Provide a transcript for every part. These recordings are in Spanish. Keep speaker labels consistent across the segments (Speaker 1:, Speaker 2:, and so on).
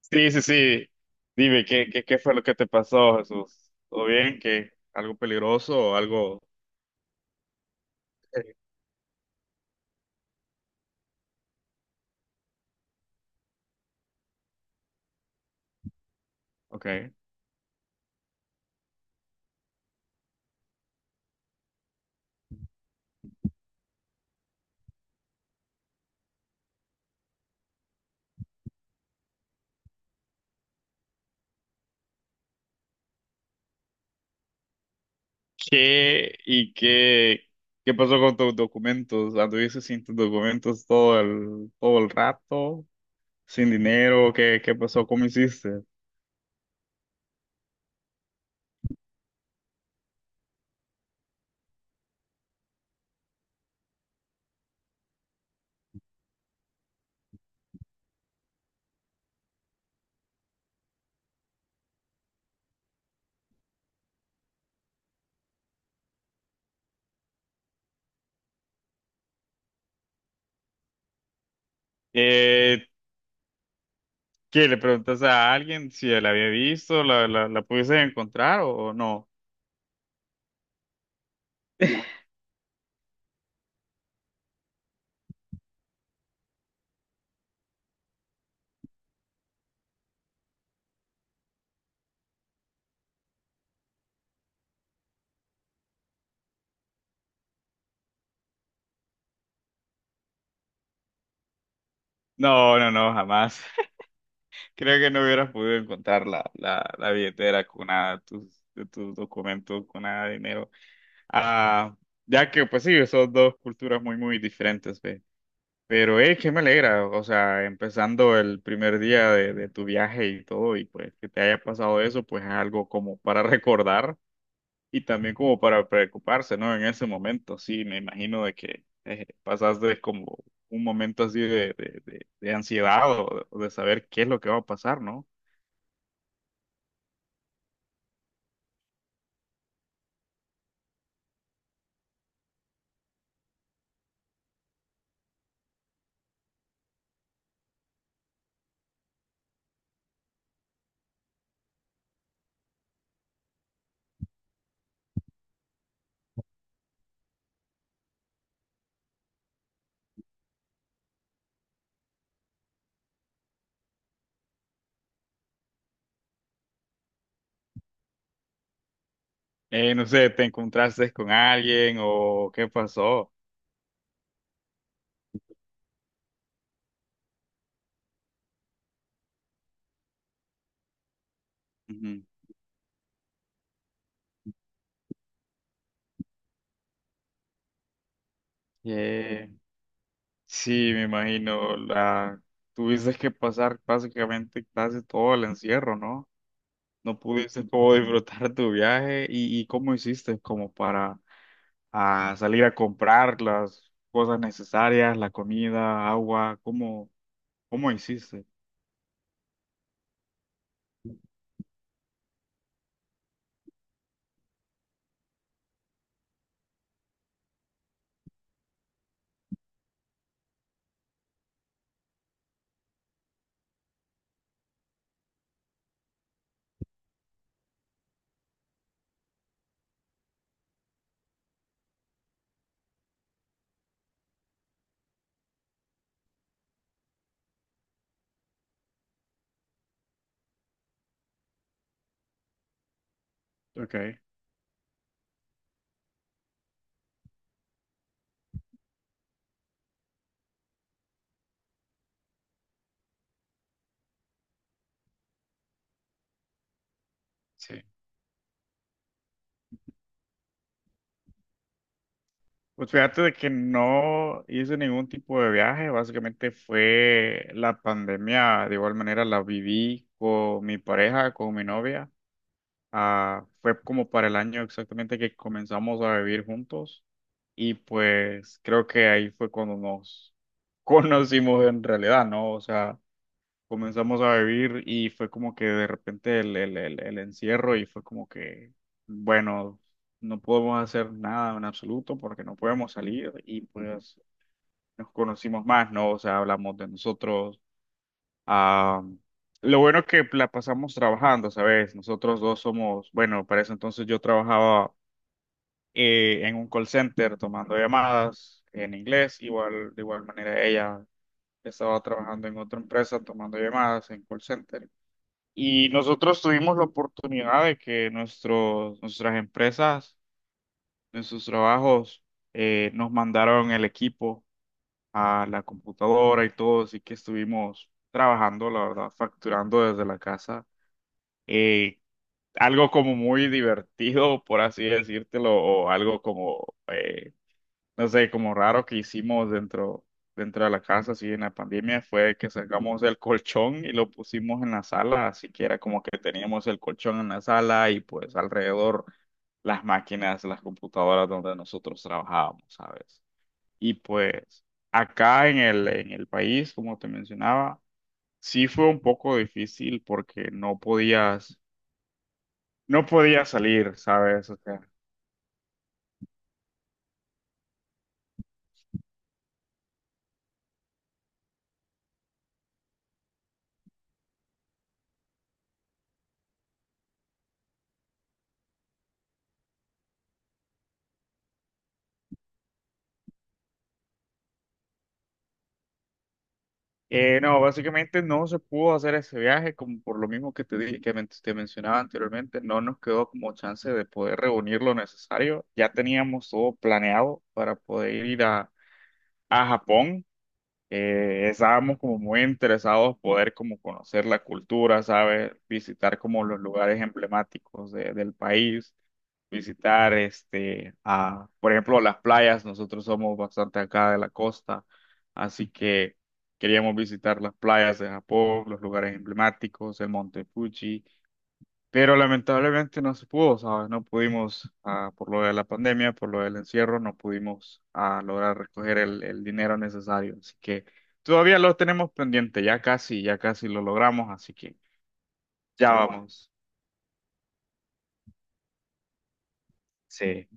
Speaker 1: Sí, sí, sí. Dime, ¿qué, qué fue lo que te pasó, Jesús? ¿Todo bien? ¿Qué? ¿Algo peligroso o algo? Ok. ¿Qué y qué pasó con tus documentos? ¿Anduviste sin tus documentos todo el rato? ¿Sin dinero? ¿Qué, qué pasó? ¿Cómo hiciste? Eh, ¿Qué? ¿Le preguntaste a alguien si la había visto? ¿La pudiste encontrar o no? No, no, no, jamás. Creo que no hubieras podido encontrar la billetera con nada, tus documentos, con nada de dinero. Ah, ya que, pues sí, son dos culturas muy, muy diferentes, ve. Pero, que me alegra, o sea, empezando el primer día de tu viaje y todo, y pues que te haya pasado eso, pues es algo como para recordar y también como para preocuparse, ¿no? En ese momento, sí, me imagino de que pasaste como un momento así de ansiedad o de saber qué es lo que va a pasar, ¿no? No sé, ¿te encontraste con alguien o qué pasó? Ujú. Eh, sí, me imagino, la tuviste que pasar básicamente casi todo el encierro, ¿no? No pudiste como disfrutar tu viaje y cómo hiciste como para salir a comprar las cosas necesarias, la comida, agua, ¿cómo, cómo hiciste? Ok. Pues fíjate de que no hice ningún tipo de viaje, básicamente fue la pandemia, de igual manera la viví con mi pareja, con mi novia. Ah, fue como para el año exactamente que comenzamos a vivir juntos y pues creo que ahí fue cuando nos conocimos en realidad, ¿no? O sea, comenzamos a vivir y fue como que de repente el encierro y fue como que, bueno, no podemos hacer nada en absoluto porque no podemos salir y pues nos conocimos más, ¿no? O sea, hablamos de nosotros. Ah, lo bueno es que la pasamos trabajando, ¿sabes? Nosotros dos somos, bueno, para eso entonces yo trabajaba en un call center tomando llamadas en inglés, igual, de igual manera ella estaba trabajando en otra empresa tomando llamadas en call center. Y nosotros tuvimos la oportunidad de que nuestras empresas, nuestros trabajos, nos mandaron el equipo a la computadora y todo, así que estuvimos trabajando, la verdad, facturando desde la casa. Eh, Algo como muy divertido, por así decírtelo, o algo como no sé, como raro que hicimos dentro de la casa, así en la pandemia, fue que sacamos el colchón y lo pusimos en la sala, así que era como que teníamos el colchón en la sala y pues alrededor las máquinas, las computadoras donde nosotros trabajábamos, ¿sabes? Y pues acá en en el país, como te mencionaba, sí fue un poco difícil porque no podías, no podías salir, ¿sabes? O sea, eh, no, básicamente no se pudo hacer ese viaje, como por lo mismo que te dije, que te mencionaba anteriormente, no nos quedó como chance de poder reunir lo necesario. Ya teníamos todo planeado para poder ir a Japón. Estábamos como muy interesados poder como conocer la cultura, ¿sabes? Visitar como los lugares emblemáticos del país, visitar, este, a, por ejemplo, las playas. Nosotros somos bastante acá de la costa, así que queríamos visitar las playas de Japón, los lugares emblemáticos, el Monte Fuji, pero lamentablemente no se pudo, ¿sabes? No pudimos, ah, por lo de la pandemia, por lo del encierro, no pudimos, ah, lograr recoger el dinero necesario, así que todavía lo tenemos pendiente, ya casi lo logramos, así que ya bueno, vamos. Sí.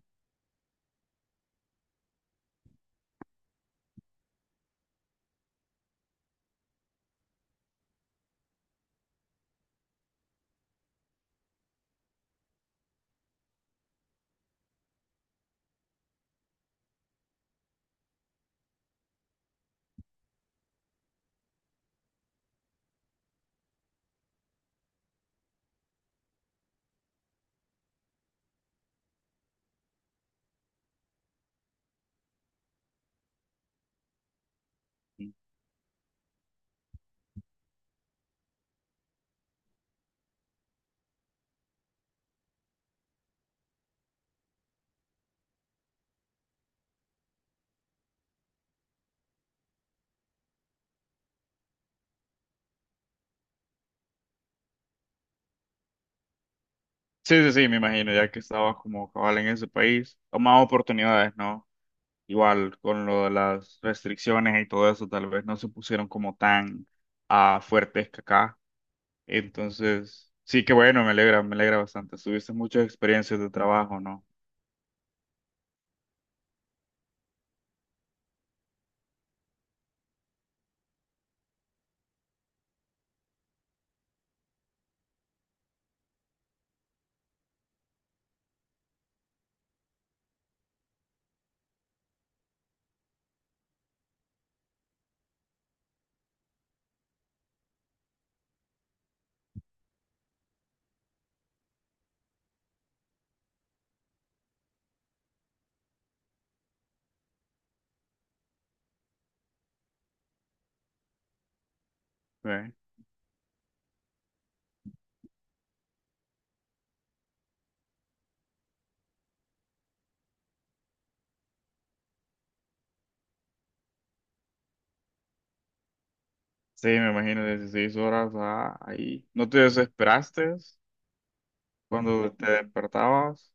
Speaker 1: Sí, sí, sí, me imagino, ya que estabas como cabal en ese país, o más oportunidades, ¿no? Igual con lo de las restricciones y todo eso, tal vez no se pusieron como tan fuertes que acá. Entonces, sí, que bueno, me alegra bastante. Tuviste muchas experiencias de trabajo, ¿no? Sí. Sí, me imagino 16 horas ahí. ¿No te desesperaste cuando te despertabas?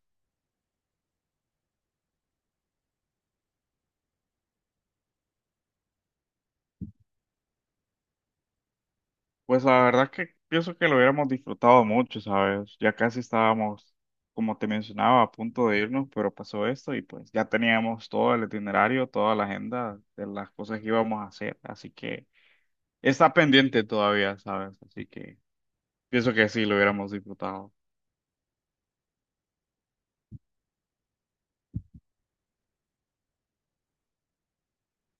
Speaker 1: Pues la verdad que pienso que lo hubiéramos disfrutado mucho, ¿sabes? Ya casi estábamos, como te mencionaba, a punto de irnos, pero pasó esto y pues ya teníamos todo el itinerario, toda la agenda de las cosas que íbamos a hacer, así que está pendiente todavía, ¿sabes? Así que pienso que sí, lo hubiéramos disfrutado.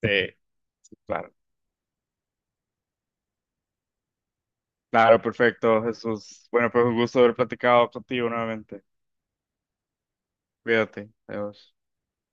Speaker 1: Sí, sí, claro. Claro, perfecto, Jesús. Bueno, pues un gusto haber platicado contigo nuevamente. Cuídate. Adiós.